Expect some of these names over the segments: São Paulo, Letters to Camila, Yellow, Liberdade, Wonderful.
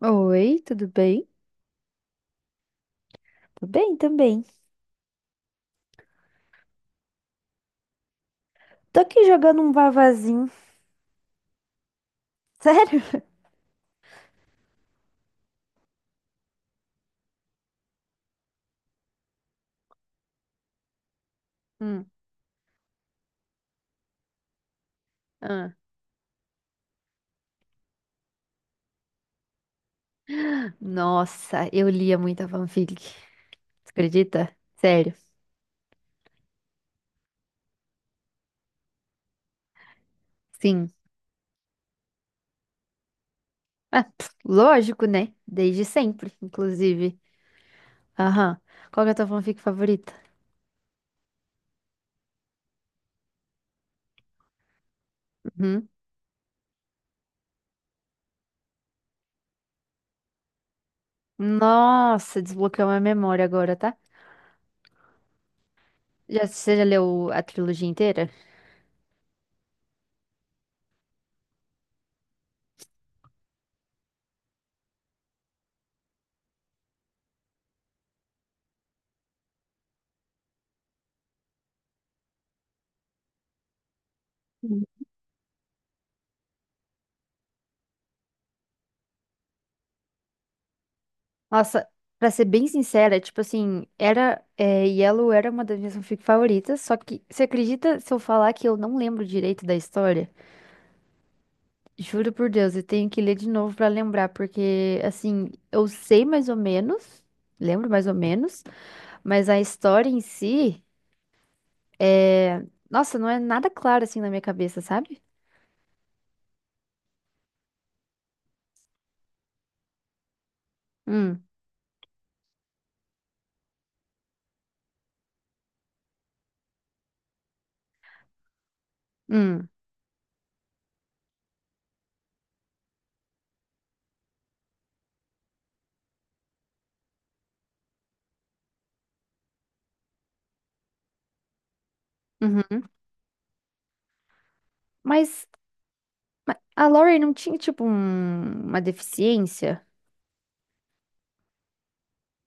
Oi, tudo bem? Tô bem também. Tô aqui jogando um vavazinho. Sério? Hum, ah. Nossa, eu lia muita fanfic. Tu acredita? Sério? Sim. Ah, pff, lógico, né? Desde sempre, inclusive. Aham. Qual que é a tua fanfic favorita? Uhum. Nossa, desbloqueou minha memória agora, tá? Já, você já leu a trilogia inteira? Nossa, pra ser bem sincera, tipo assim, era, é, Yellow era uma das minhas fanfic favoritas, só que você acredita se eu falar que eu não lembro direito da história? Juro por Deus, eu tenho que ler de novo pra lembrar, porque assim, eu sei mais ou menos, lembro mais ou menos, mas a história em si é, nossa, não é nada claro assim na minha cabeça, sabe? Hum, hum, uhum. Mas a Laurie não tinha tipo uma deficiência?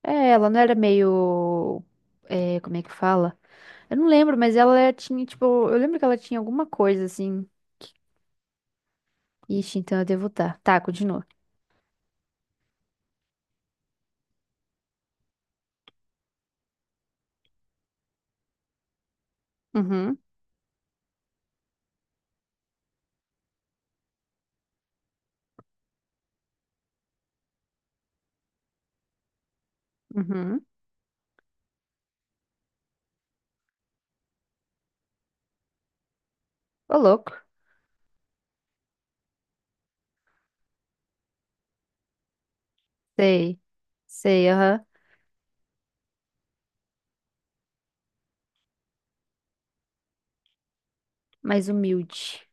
É, ela não era meio. É, como é que fala? Eu não lembro, mas tinha, tipo. Eu lembro que ela tinha alguma coisa assim. que- Ixi, então eu devo estar. Tá, continua. Uhum, uhum. Ô, louco. Sei. Sei, aham. Mais humilde.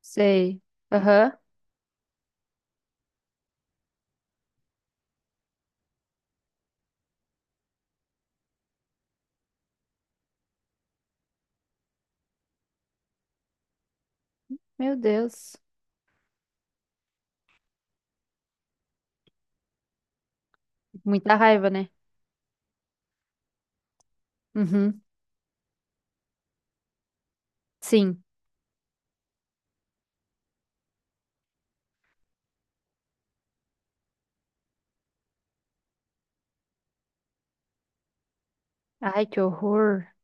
Sei. Aham. Meu Deus. Muita raiva, né? Uhum. Sim. Ai, que horror.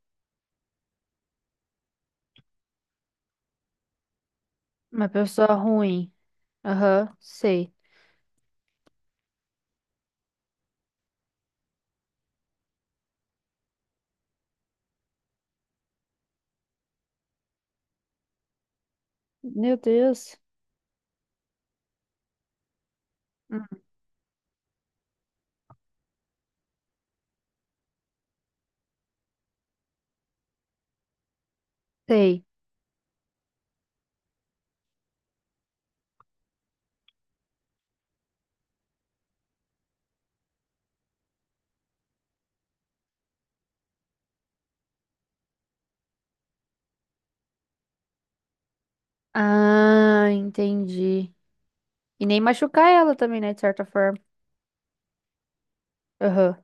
Uma pessoa ruim. Aham, sei. Meu Deus. Hum. Sei. Ah, entendi. E nem machucar ela também, né? De certa forma. Aham.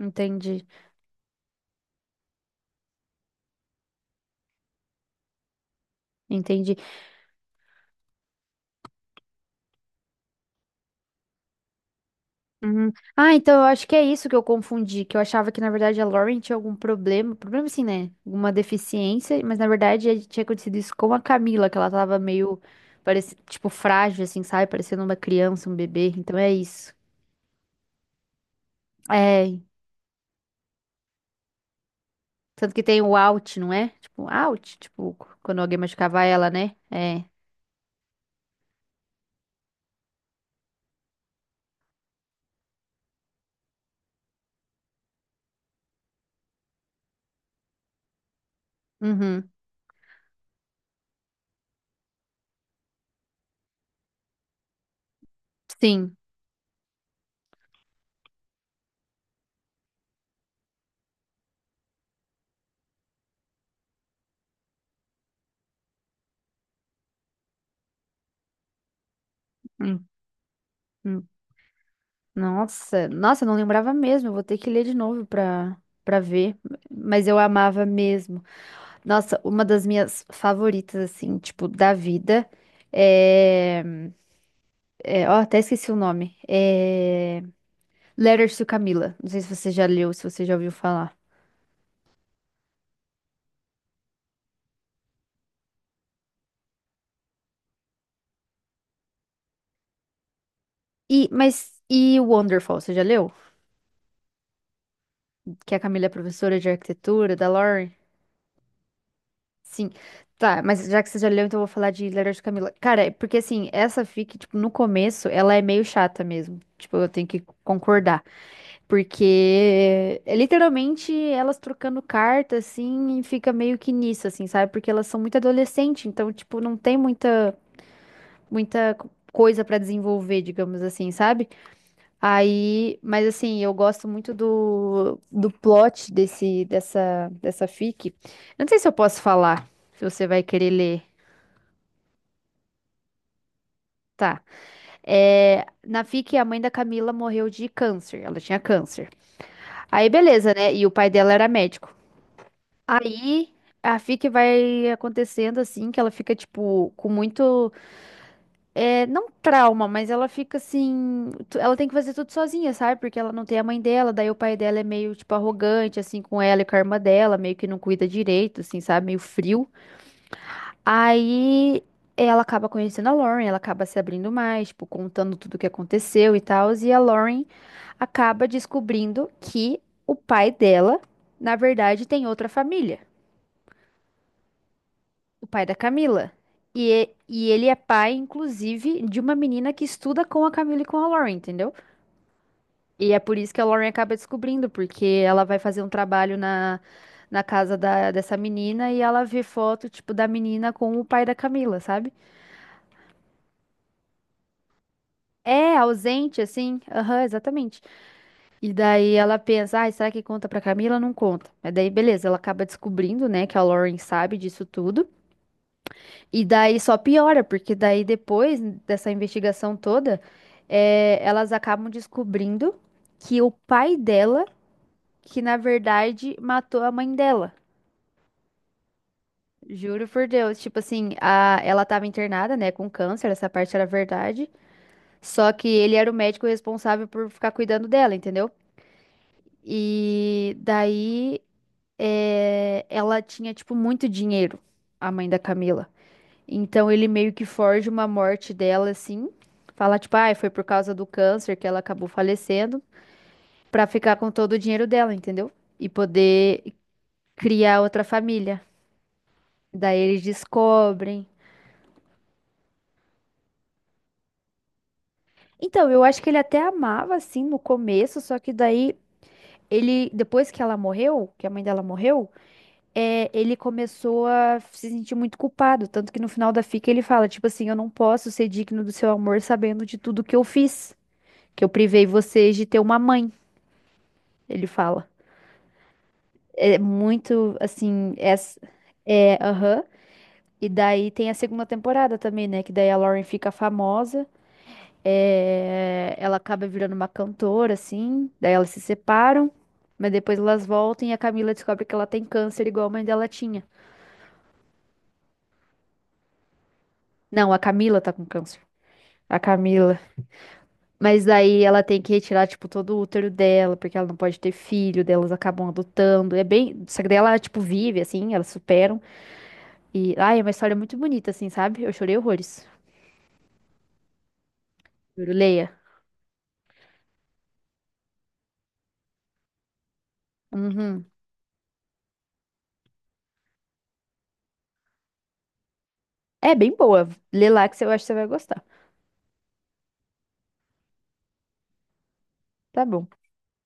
Entendi. Entendi. Uhum. Ah, então eu acho que é isso que eu confundi. Que eu achava que, na verdade, a Lauren tinha algum problema. Problema assim, né? Alguma deficiência. Mas, na verdade, tinha acontecido isso com a Camila. Que ela tava meio, parece, tipo, frágil, assim, sabe? Parecendo uma criança, um bebê. Então é isso. É. Tanto que tem o out, não é? Tipo, out. Tipo, quando alguém machucava ela, né? É. Uhum. Sim. Hum. Hum. Nossa, nossa, eu não lembrava mesmo. Eu vou ter que ler de novo pra, pra ver. Mas eu amava mesmo. Nossa, uma das minhas favoritas, assim, tipo, da vida é. É, ó, até esqueci o nome. É. Letters to Camila. Não sei se você já leu, se você já ouviu falar. E, mas. E Wonderful, você já leu? Que a Camila é professora de arquitetura da Lauren. Sim. Tá, mas já que você já leu, então eu vou falar de Letters to Camila. Cara, é porque assim, essa fic, tipo, no começo, ela é meio chata mesmo. Tipo, eu tenho que concordar. Porque é literalmente elas trocando carta, assim, e fica meio que nisso, assim, sabe? Porque elas são muito adolescentes, então, tipo, não tem muita, muita coisa pra desenvolver, digamos assim, sabe? Aí, mas assim, eu gosto muito do, do plot desse, dessa, dessa fic. Eu não sei se eu posso falar, se você vai querer ler. Tá. É, na FIC, a mãe da Camila morreu de câncer. Ela tinha câncer. Aí, beleza, né? E o pai dela era médico. Aí, a FIC vai acontecendo assim, que ela fica, tipo, com muito. É, não trauma, mas ela fica assim. Ela tem que fazer tudo sozinha, sabe? Porque ela não tem a mãe dela. Daí, o pai dela é meio, tipo, arrogante, assim, com ela e com a irmã dela. Meio que não cuida direito, assim, sabe? Meio frio. Aí ela acaba conhecendo a Lauren, ela acaba se abrindo mais, tipo, contando tudo o que aconteceu e tal. E a Lauren acaba descobrindo que o pai dela, na verdade, tem outra família, o pai da Camila. E, e ele é pai, inclusive, de uma menina que estuda com a Camila e com a Lauren, entendeu? E é por isso que a Lauren acaba descobrindo, porque ela vai fazer um trabalho na, na casa da, dessa menina e ela vê foto, tipo, da menina com o pai da Camila, sabe? É, ausente, assim. Aham, exatamente. E daí ela pensa, ai, será que conta pra Camila? Não conta. Mas daí, beleza, ela acaba descobrindo, né, que a Lauren sabe disso tudo. E daí só piora, porque daí depois dessa investigação toda, é, elas acabam descobrindo que o pai dela, que na verdade matou a mãe dela. Juro por Deus. Tipo assim, a, ela tava internada, né, com câncer, essa parte era verdade. Só que ele era o médico responsável por ficar cuidando dela, entendeu? E daí eh, ela tinha, tipo, muito dinheiro, a mãe da Camila. Então ele meio que forja uma morte dela, assim. Fala, tipo, ah, foi por causa do câncer que ela acabou falecendo, pra ficar com todo o dinheiro dela, entendeu? E poder criar outra família. Daí eles descobrem. Então, eu acho que ele até amava, assim, no começo, só que daí ele, depois que ela morreu, que a mãe dela morreu. É, ele começou a se sentir muito culpado, tanto que no final da fica ele fala, tipo assim, eu não posso ser digno do seu amor sabendo de tudo que eu fiz, que eu privei vocês de ter uma mãe, ele fala. É muito, assim, essa, é, aham. E daí tem a segunda temporada também, né, que daí a Lauren fica famosa, é, ela acaba virando uma cantora, assim, daí elas se separam, mas depois elas voltam e a Camila descobre que ela tem câncer igual a mãe dela tinha. Não, a Camila tá com câncer. A Camila mas daí ela tem que retirar, tipo, todo o útero dela, porque ela não pode ter filho, daí elas acabam adotando. É bem. Só que daí ela, tipo, vive, assim, elas superam. E, ai, é uma história muito bonita, assim, sabe? Eu chorei horrores. Juro, leia. Uhum. É bem boa. Lê lá que você- eu acho que você vai gostar. Tá bom.